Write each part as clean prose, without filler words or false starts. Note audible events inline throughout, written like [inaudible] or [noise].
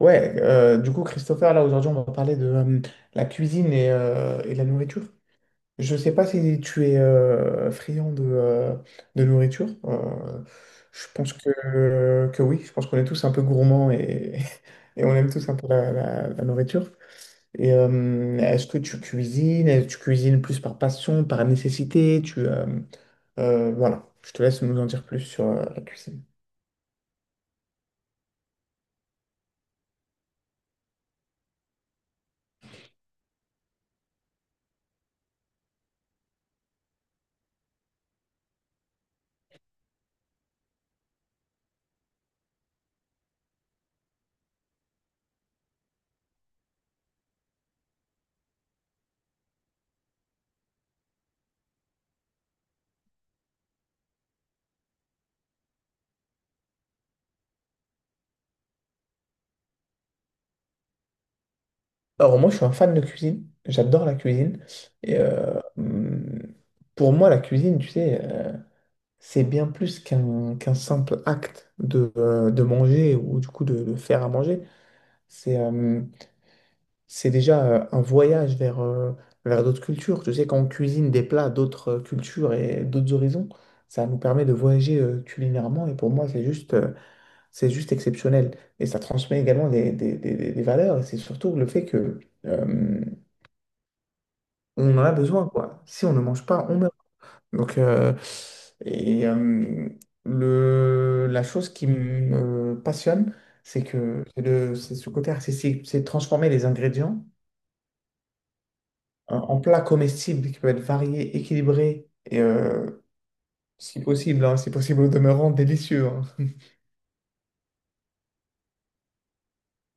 Ouais, du coup, Christopher, là, aujourd'hui, on va parler de la cuisine et la nourriture. Je sais pas si tu es friand de de nourriture. Je pense que oui, je pense qu'on est tous un peu gourmands et, [laughs] et on aime tous un peu la nourriture. Et est-ce que tu cuisines? Est-ce que tu cuisines plus par passion, par nécessité? Voilà, je te laisse nous en dire plus sur la cuisine. Alors moi, je suis un fan de cuisine. J'adore la cuisine. Et pour moi, la cuisine, tu sais, c'est bien plus qu'un simple acte de de manger ou du coup de faire à manger. C'est euh, c'est déjà un voyage vers vers d'autres cultures. Tu sais, quand on cuisine des plats d'autres cultures et d'autres horizons, ça nous permet de voyager culinairement. Et pour moi, c'est juste c'est juste exceptionnel. Et ça transmet également des valeurs. Et c'est surtout le fait que... euh, on en a besoin, quoi. Si on ne mange pas, on meurt. Donc, et, euh, la chose qui me passionne, c'est que c'est ce côté artistique, c'est transformer les ingrédients en, en plats comestibles qui peuvent être variés, équilibrés et, si possible, hein, si possible, au demeurant, délicieux, hein. [laughs]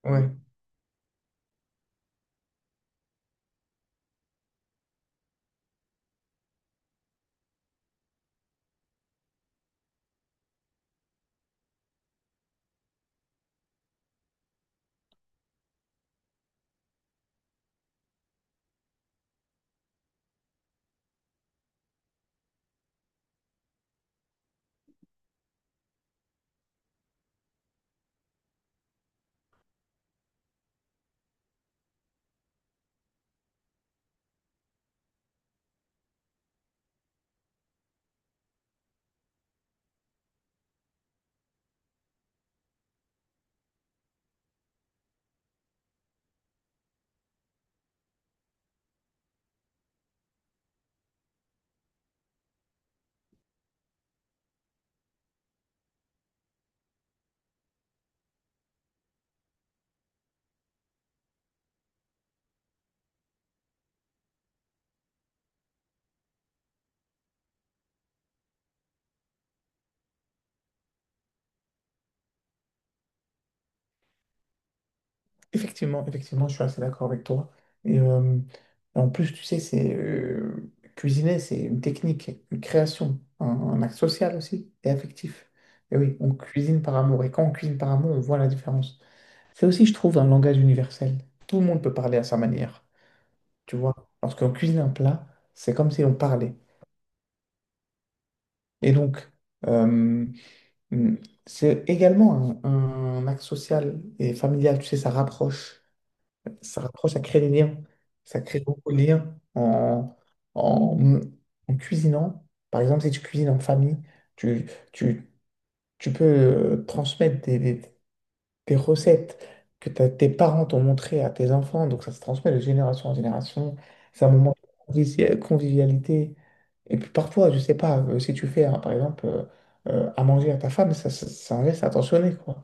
Ouais. Effectivement, effectivement, je suis assez d'accord avec toi. Et en plus, tu sais, c'est cuisiner, c'est une technique, une création, un acte social aussi et affectif. Et oui, on cuisine par amour. Et quand on cuisine par amour, on voit la différence. C'est aussi, je trouve, un langage universel. Tout le monde peut parler à sa manière. Tu vois, lorsqu'on cuisine un plat, c'est comme si on parlait. Et donc, euh, mm, c'est également un acte social et familial. Tu sais, ça rapproche, ça rapproche, ça crée des liens. Ça crée beaucoup de liens en, en, en cuisinant. Par exemple, si tu cuisines en famille, tu, tu, tu peux transmettre des recettes que tes parents t'ont montrées à tes enfants. Donc, ça se transmet de génération en génération. C'est un moment de convivialité. Et puis parfois, je sais pas, si tu fais, hein, par exemple, à manger à ta femme, c'est un geste attentionné, quoi.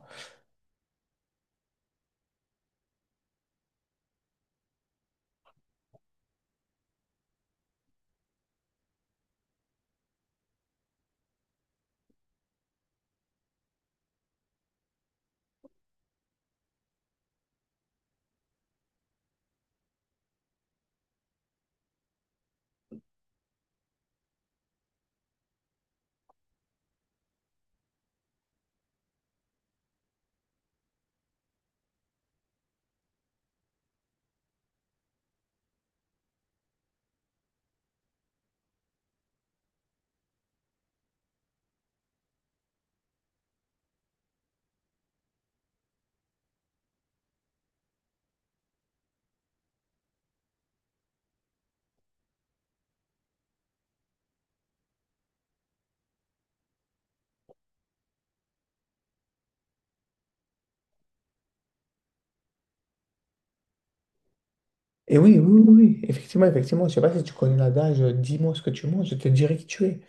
Et oui, oui, oui, oui, effectivement, effectivement. Je sais pas si tu connais l'adage, dis-moi ce que tu manges, je te dirai qui tu es.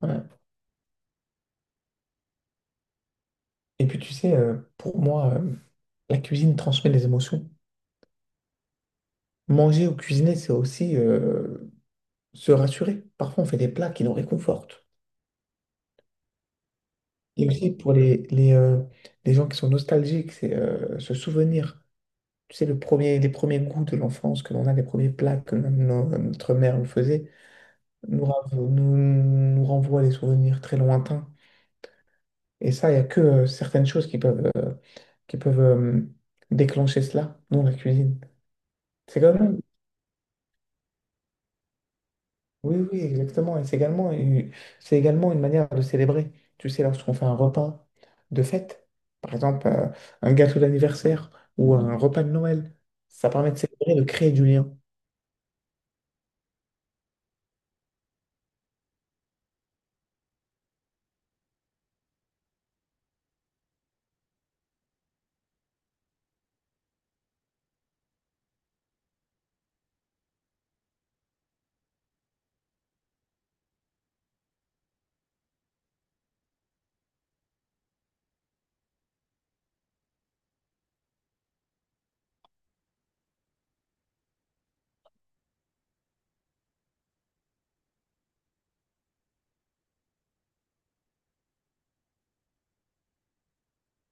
Voilà. Et puis tu sais, pour moi, la cuisine transmet des émotions. Manger ou cuisiner, c'est aussi se rassurer. Parfois, on fait des plats qui nous réconfortent. Et aussi pour les gens qui sont nostalgiques, c'est se souvenir. Tu sais, les premiers goûts de l'enfance que l'on a, les premiers plats que notre mère nous faisait, nous renvoient des souvenirs très lointains. Et ça, il n'y a que certaines choses qui peuvent, qui peuvent déclencher cela dans la cuisine. C'est quand même, oui, oui, exactement. Et c'est également c'est également une manière de célébrer. Tu sais, lorsqu'on fait un repas de fête, par exemple, un gâteau d'anniversaire ou un repas de Noël, ça permet de célébrer, de créer du lien.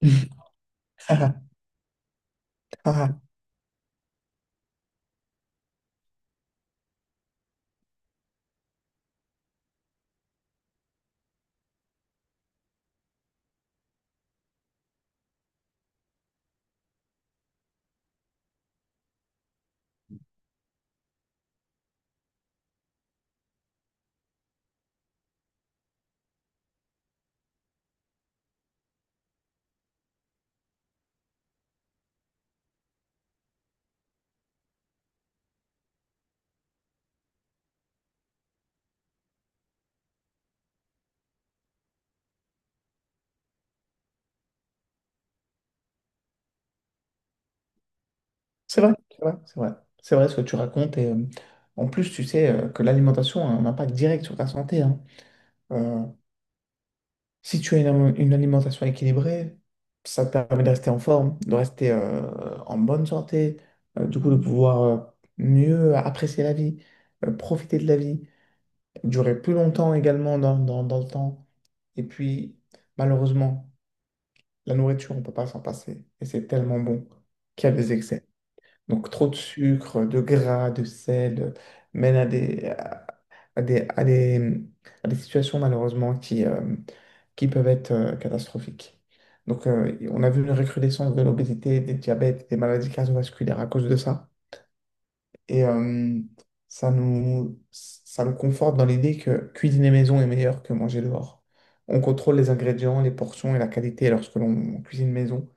[laughs] Ah, ah, c'est vrai, c'est vrai, c'est vrai. C'est vrai ce que tu racontes. Et en plus, tu sais que l'alimentation a un impact direct sur ta santé, hein. Euh, Si tu as une alimentation équilibrée, ça te permet de rester en forme, de rester en bonne santé, du coup de pouvoir mieux apprécier la vie, profiter de la vie, durer plus longtemps également dans, dans le temps. Et puis, malheureusement, la nourriture, on ne peut pas s'en passer. Et c'est tellement bon qu'il y a des excès. Donc, trop de sucre, de gras, de sel, mène à des, à des, à des situations malheureusement qui peuvent être catastrophiques. Donc, on a vu une recrudescence de l'obésité, des diabètes, des maladies cardiovasculaires à cause de ça. Et ça nous conforte dans l'idée que cuisiner maison est meilleur que manger dehors. On contrôle les ingrédients, les portions et la qualité lorsque l'on cuisine maison.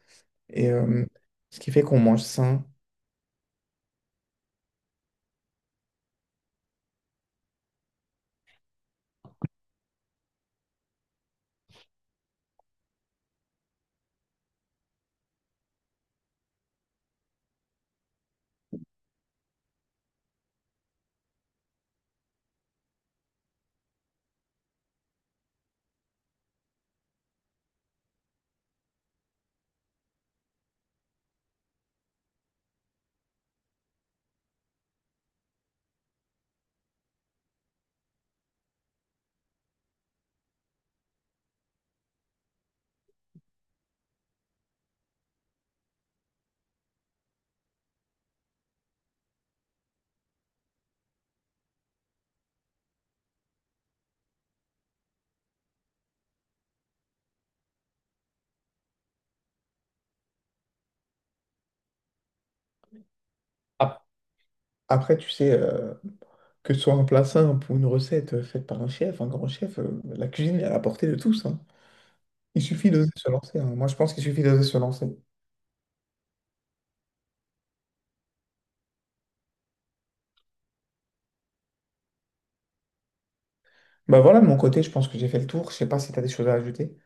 Et ce qui fait qu'on mange sain. Ap- Après, tu sais, que ce soit un plat simple ou une recette faite par un chef, un grand chef, la cuisine est à la portée de tous, hein. Il suffit d'oser se lancer, hein. Moi, je pense qu'il suffit d'oser se lancer. Bah voilà, de mon côté, je pense que j'ai fait le tour. Je sais pas si tu as des choses à ajouter.